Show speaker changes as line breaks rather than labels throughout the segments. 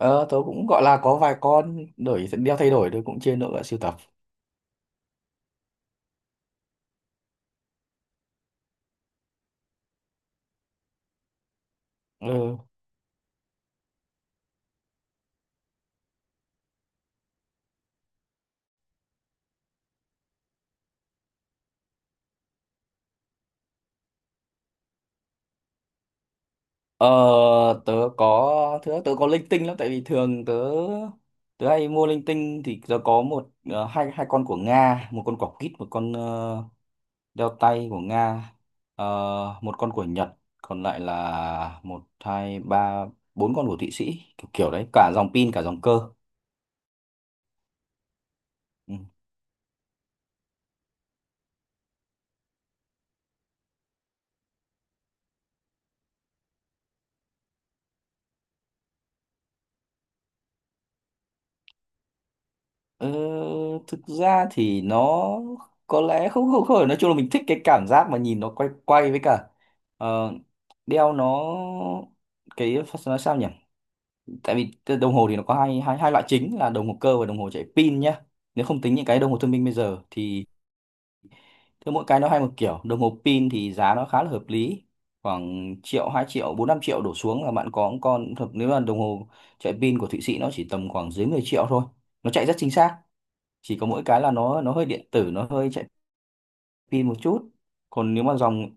Ờ, Tớ cũng gọi là có vài con, đổi đeo thay đổi, tôi cũng chia nữa sưu tập. Ừ. ờ, tớ có tớ có linh tinh lắm, tại vì thường tớ tớ hay mua linh tinh, thì tớ có một, hai hai con của Nga, một con quả quýt, một con đeo tay của Nga, ờ, một con của Nhật, còn lại là một, hai, ba, bốn con của Thụy Sĩ, kiểu kiểu đấy, cả dòng pin cả dòng cơ. Ừ. Ờ, Thực ra thì nó có lẽ không không không, nói chung là mình thích cái cảm giác mà nhìn nó quay quay, với cả, ờ, đeo nó, cái nó sao nhỉ. Tại vì đồng hồ thì nó có hai hai hai loại chính, là đồng hồ cơ và đồng hồ chạy pin nhá. Nếu không tính những cái đồng hồ thông minh bây giờ thì cứ mỗi cái nó hay một kiểu. Đồng hồ pin thì giá nó khá là hợp lý, khoảng triệu hai, triệu bốn, 5 triệu đổ xuống là bạn có một con thật. Nếu là đồng hồ chạy pin của Thụy Sĩ, nó chỉ tầm khoảng dưới 10 triệu thôi, nó chạy rất chính xác. Chỉ có mỗi cái là nó hơi điện tử, nó hơi chạy pin một chút. còn nếu mà dòng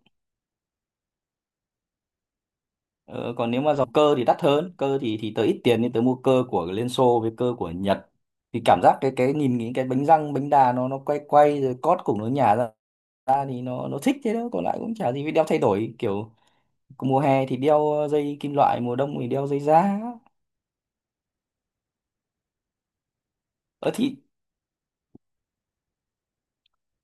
ờ, Còn nếu mà dòng cơ thì đắt hơn. Cơ thì tớ ít tiền nên tớ mua cơ của Liên Xô với cơ của Nhật, thì cảm giác cái nhìn những cái bánh răng, bánh đà nó quay quay rồi cót cùng nó nhả ra ra thì nó thích thế đó. Còn lại cũng chả gì, vì đeo thay đổi kiểu, mùa hè thì đeo dây kim loại, mùa đông thì đeo dây da. Ờ thì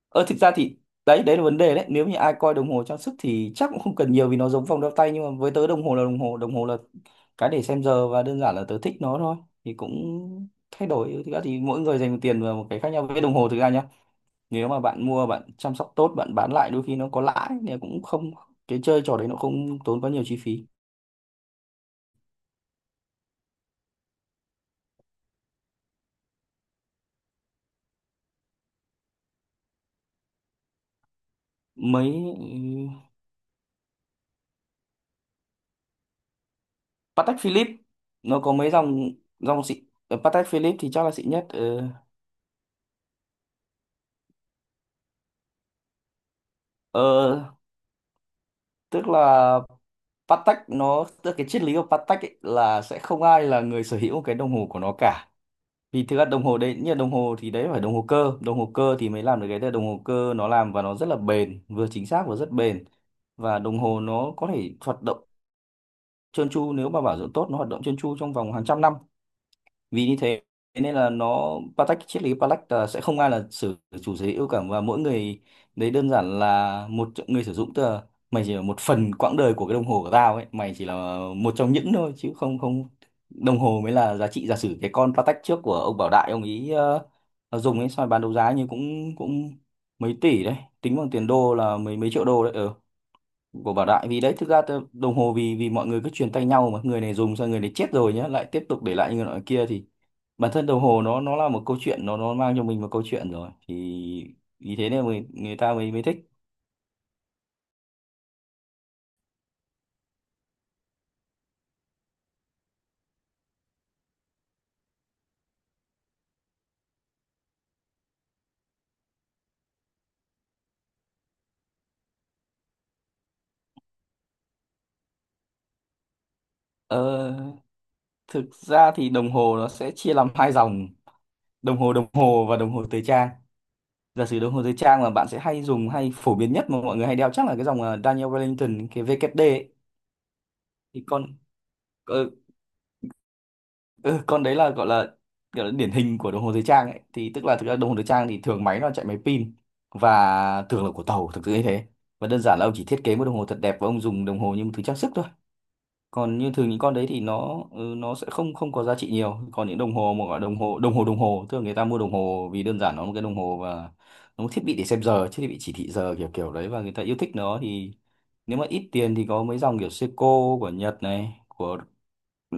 Ờ Thực ra thì đấy đấy là vấn đề đấy. Nếu như ai coi đồng hồ trang sức thì chắc cũng không cần nhiều, vì nó giống vòng đeo tay. Nhưng mà với tớ, đồng hồ là đồng hồ, đồng hồ là cái để xem giờ, và đơn giản là tớ thích nó thôi, thì cũng thay đổi. Thực ra thì mỗi người dành tiền vào một cái khác nhau. Với đồng hồ thực ra nhá, nếu mà bạn mua, bạn chăm sóc tốt, bạn bán lại đôi khi nó có lãi, thì cũng không, cái chơi trò đấy nó không tốn quá nhiều chi phí. Mấy, ừ, Patek Philippe nó có mấy dòng, dòng xịn. Ờ, Patek Philippe thì chắc là xịn nhất. Ờ Ờ, Tức là Patek nó, tức là cái triết lý của Patek ấy, là sẽ không ai là người sở hữu cái đồng hồ của nó cả. Vì thực ra đồng hồ đấy, như là đồng hồ thì đấy phải đồng hồ cơ, đồng hồ cơ thì mới làm được cái đấy. Đồng hồ cơ nó làm và nó rất là bền, vừa chính xác và rất bền, và đồng hồ nó có thể hoạt động trơn tru, nếu mà bảo dưỡng tốt nó hoạt động trơn tru trong vòng hàng trăm năm. Vì như thế nên là nó, Patek, triết lý Patek là sẽ không ai là sử, chủ sở hữu cả, và mỗi người đấy đơn giản là một người sử dụng, tức là mày chỉ là một phần quãng đời của cái đồng hồ của tao ấy, mày chỉ là một trong những thôi, chứ không, không đồng hồ mới là giá trị. Giả sử cái con Patek trước của ông Bảo Đại ông ý dùng ấy, xong rồi bán đấu giá như cũng cũng mấy tỷ đấy, tính bằng tiền đô là mấy, mấy triệu đô đấy. Ừ. Của Bảo Đại, vì đấy thực ra đồng hồ, vì vì mọi người cứ truyền tay nhau, mà người này dùng xong, người này chết rồi nhá, lại tiếp tục để lại như người nọ kia, thì bản thân đồng hồ nó là một câu chuyện, nó mang cho mình một câu chuyện rồi, thì vì thế nên người người ta mới mới thích. ờ, Thực ra thì đồng hồ nó sẽ chia làm hai dòng, đồng hồ và đồng hồ thời trang. Giả sử đồng hồ thời trang mà bạn sẽ hay dùng, hay phổ biến nhất mà mọi người hay đeo, chắc là cái dòng Daniel Wellington, cái VKD ấy. Thì con ờ, ừ, Con đấy là, gọi là điển hình của đồng hồ thời trang ấy. Thì tức là thực ra đồng hồ thời trang thì thường máy nó chạy máy pin, và thường là của tàu thực sự như thế. Và đơn giản là ông chỉ thiết kế một đồng hồ thật đẹp, và ông dùng đồng hồ như một thứ trang sức thôi. Còn như thường những con đấy thì nó sẽ không không có giá trị nhiều. Còn những đồng hồ mà gọi là đồng hồ, đồng hồ đồng hồ thường, người ta mua đồng hồ vì đơn giản nó là một cái đồng hồ, và nó một thiết bị để xem giờ, thiết bị chỉ thị giờ kiểu kiểu đấy, và người ta yêu thích nó thì, nếu mà ít tiền thì có mấy dòng kiểu Seiko của Nhật này, của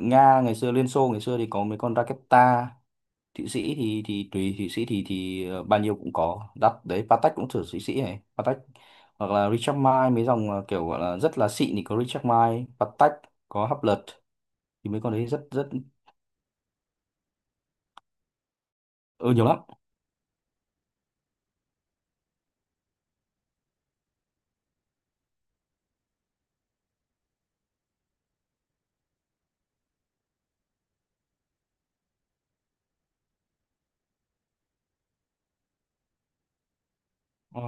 Nga ngày xưa, Liên Xô ngày xưa thì có mấy con Raketa. Thụy Sĩ thì tùy, Thụy Sĩ thì bao nhiêu cũng có, đắt đấy, Patek cũng thử, Thụy Sĩ này, Patek hoặc là Richard Mille, mấy dòng kiểu gọi là rất là xịn thì có Richard Mille, Patek, có Hublot, thì mấy con đấy rất rất, ừ, nhiều lắm. Ờ.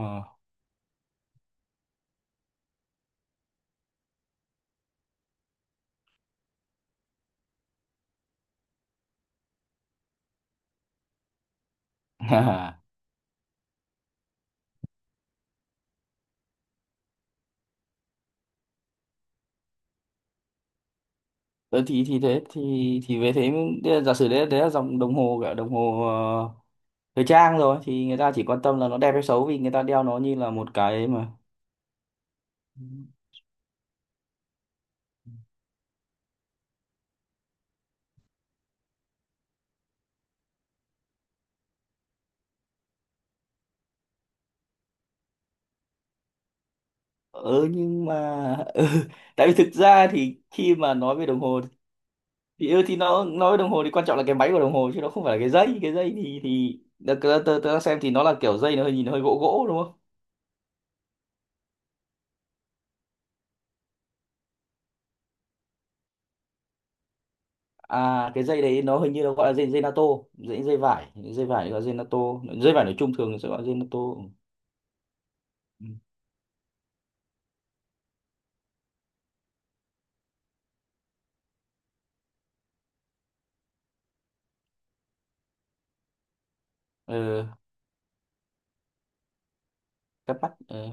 Đấy thì thế, thì về thế, đấy là giả sử đấy đấy là dòng đồng hồ, gọi là đồng hồ thời trang rồi, thì người ta chỉ quan tâm là nó đẹp hay xấu, vì người ta đeo nó như là một cái mà. Ừ, nhưng mà ừ, tại vì thực ra thì khi mà nói về đồng hồ thì thì nó nói về đồng hồ thì quan trọng là cái máy của đồng hồ, chứ nó không phải là cái dây. Cái dây thì tớ, tớ, tớ tớ đang xem thì nó là kiểu, dây nó hơi nhìn hơi gỗ gỗ đúng không. À, cái dây đấy nó hình như nó gọi là dây dây NATO, dây dây vải gọi là dây NATO, dây vải nói chung thường sẽ gọi là dây NATO. Ừ. ờ, Cắt mắt. Ờ.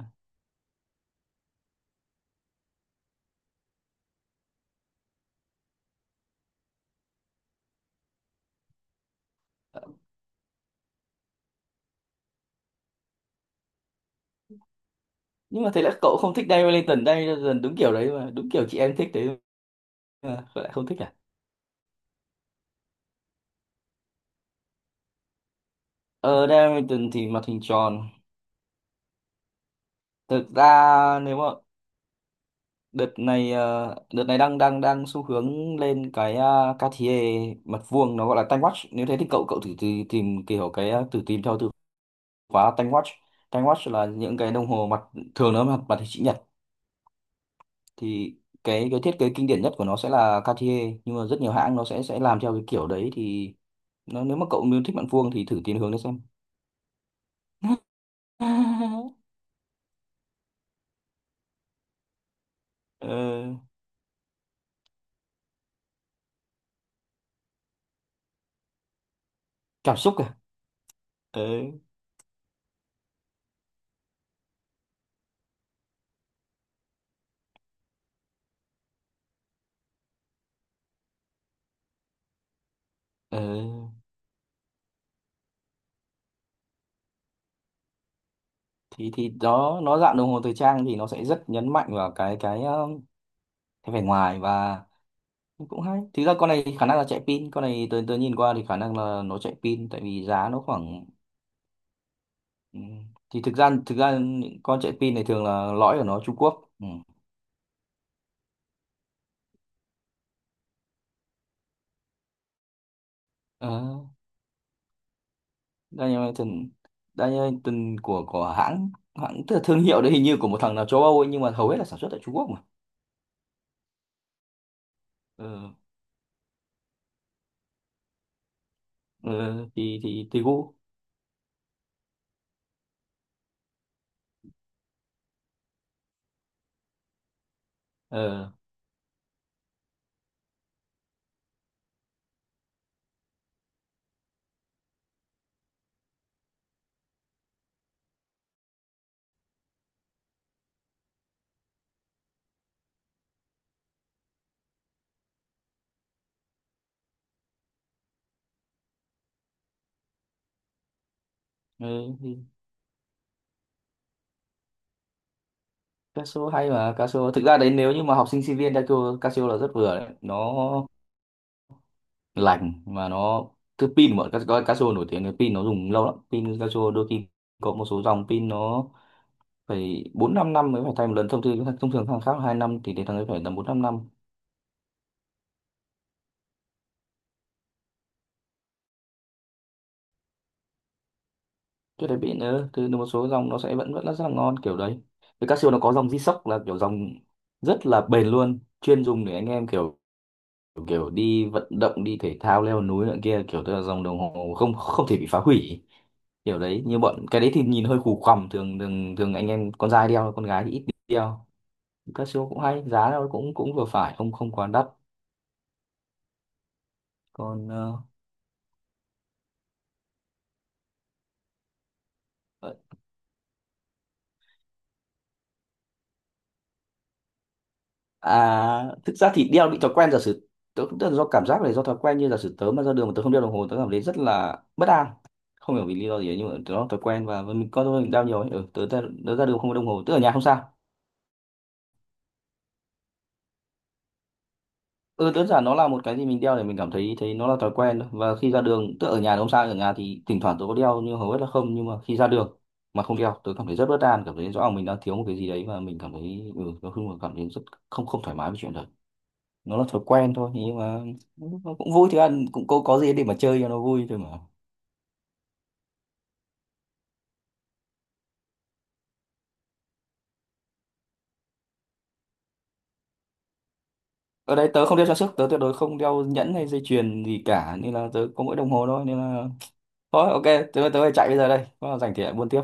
Nhưng mà thế là cậu không thích Diane Wellington? Diane Wellington đúng kiểu đấy mà, đúng kiểu chị em thích đấy mà cậu lại không thích à? Ờ Diane Wellington thì mặt hình tròn. Thực ra nếu mà đợt này đang đang đang xu hướng lên cái Cartier, mặt vuông nó gọi là time watch. Nếu thế thì cậu cậu thử, thử tìm kiểu cái ờ, thử tìm theo từ khóa time watch. Time watch là những cái đồng hồ mặt, thường nó mặt mặt hình chữ nhật, thì cái thiết kế kinh điển nhất của nó sẽ là Cartier, nhưng mà rất nhiều hãng nó sẽ làm theo cái kiểu đấy. Thì nó, nếu mà cậu muốn thích mặt vuông thì thử tìm hướng đấy xem. Ờ, Cảm xúc à? Ờ, ờ. Thì đó, nó dạng đồng hồ thời trang thì nó sẽ rất nhấn mạnh vào cái cái vẻ ngoài và, cũng hay. Thực ra con này thì khả năng là chạy pin, con này tôi nhìn qua thì khả năng là nó chạy pin, tại vì giá nó khoảng. Ừ. Thì thực ra những con chạy pin này thường là lõi của nó Trung Quốc. Ừ. ờ, Dynamite, Dynamite của hãng, tức là thương hiệu đấy hình như của một thằng nào châu Âu ấy, nhưng mà hầu hết là sản xuất tại Trung Quốc mà. ờ, ờ, thì Tegu. ờ, ờ, thì Casio hay mà. Thực ra đấy, nếu như mà học sinh sinh viên, Casio Casio là rất vừa đấy, nó lành mà, nó thứ pin bọn Casio nổi tiếng là pin nó dùng lâu lắm. Pin Casio đôi khi có một số dòng pin nó phải bốn, năm năm mới phải thay một lần, thông thường. Hàng khác là 2 năm, thì đến thằng ấy phải tầm bốn, năm năm. Trước đấy pin nữa thì một số dòng nó sẽ vẫn vẫn là rất là ngon kiểu đấy. Với Casio nó có dòng G-Shock, là kiểu dòng rất là bền luôn, chuyên dùng để anh em kiểu, kiểu đi vận động, đi thể thao, leo núi nữa kia, kiểu tức là dòng đồng hồ không không thể bị phá hủy kiểu đấy. Như bọn cái đấy thì nhìn hơi củ quằm, thường, thường anh em con trai đeo, con gái thì ít đeo, các siêu cũng hay, giá nó cũng cũng vừa phải, không không quá đắt. Còn thực ra thì đeo bị thói quen, giả sử tớ cũng, tức là do cảm giác này, do thói quen. Như giả sử tớ mà ra đường mà tớ không đeo đồng hồ, tớ cảm thấy rất là bất an, không hiểu vì lý do gì ấy, nhưng mà tớ thói quen và mình có thôi, mình đeo nhiều ấy. Ừ, tớ ra, đường không có đồng hồ, tớ ở nhà không sao. Ừ, đơn giản nó là một cái gì mình đeo để mình cảm thấy, nó là thói quen thôi. Và khi ra đường, tức ở nhà thì không sao, ở nhà thì thỉnh thoảng tôi có đeo nhưng hầu hết là không. Nhưng mà khi ra đường mà không đeo, tôi cảm thấy rất bất an, cảm thấy rõ ràng mình đang thiếu một cái gì đấy, và mình cảm thấy, ừ, nói chung là cảm thấy rất không không thoải mái với chuyện đấy. Nó là thói quen thôi, nhưng mà nó cũng vui, thì ăn cũng có gì để mà chơi cho nó vui thôi mà. Ở đây tớ không đeo trang sức, tớ tuyệt đối không đeo nhẫn hay dây chuyền gì cả, nên là tớ có mỗi đồng hồ thôi, nên là thôi ok, tớ tớ phải chạy bây giờ đây, có là rảnh thì lại buôn tiếp.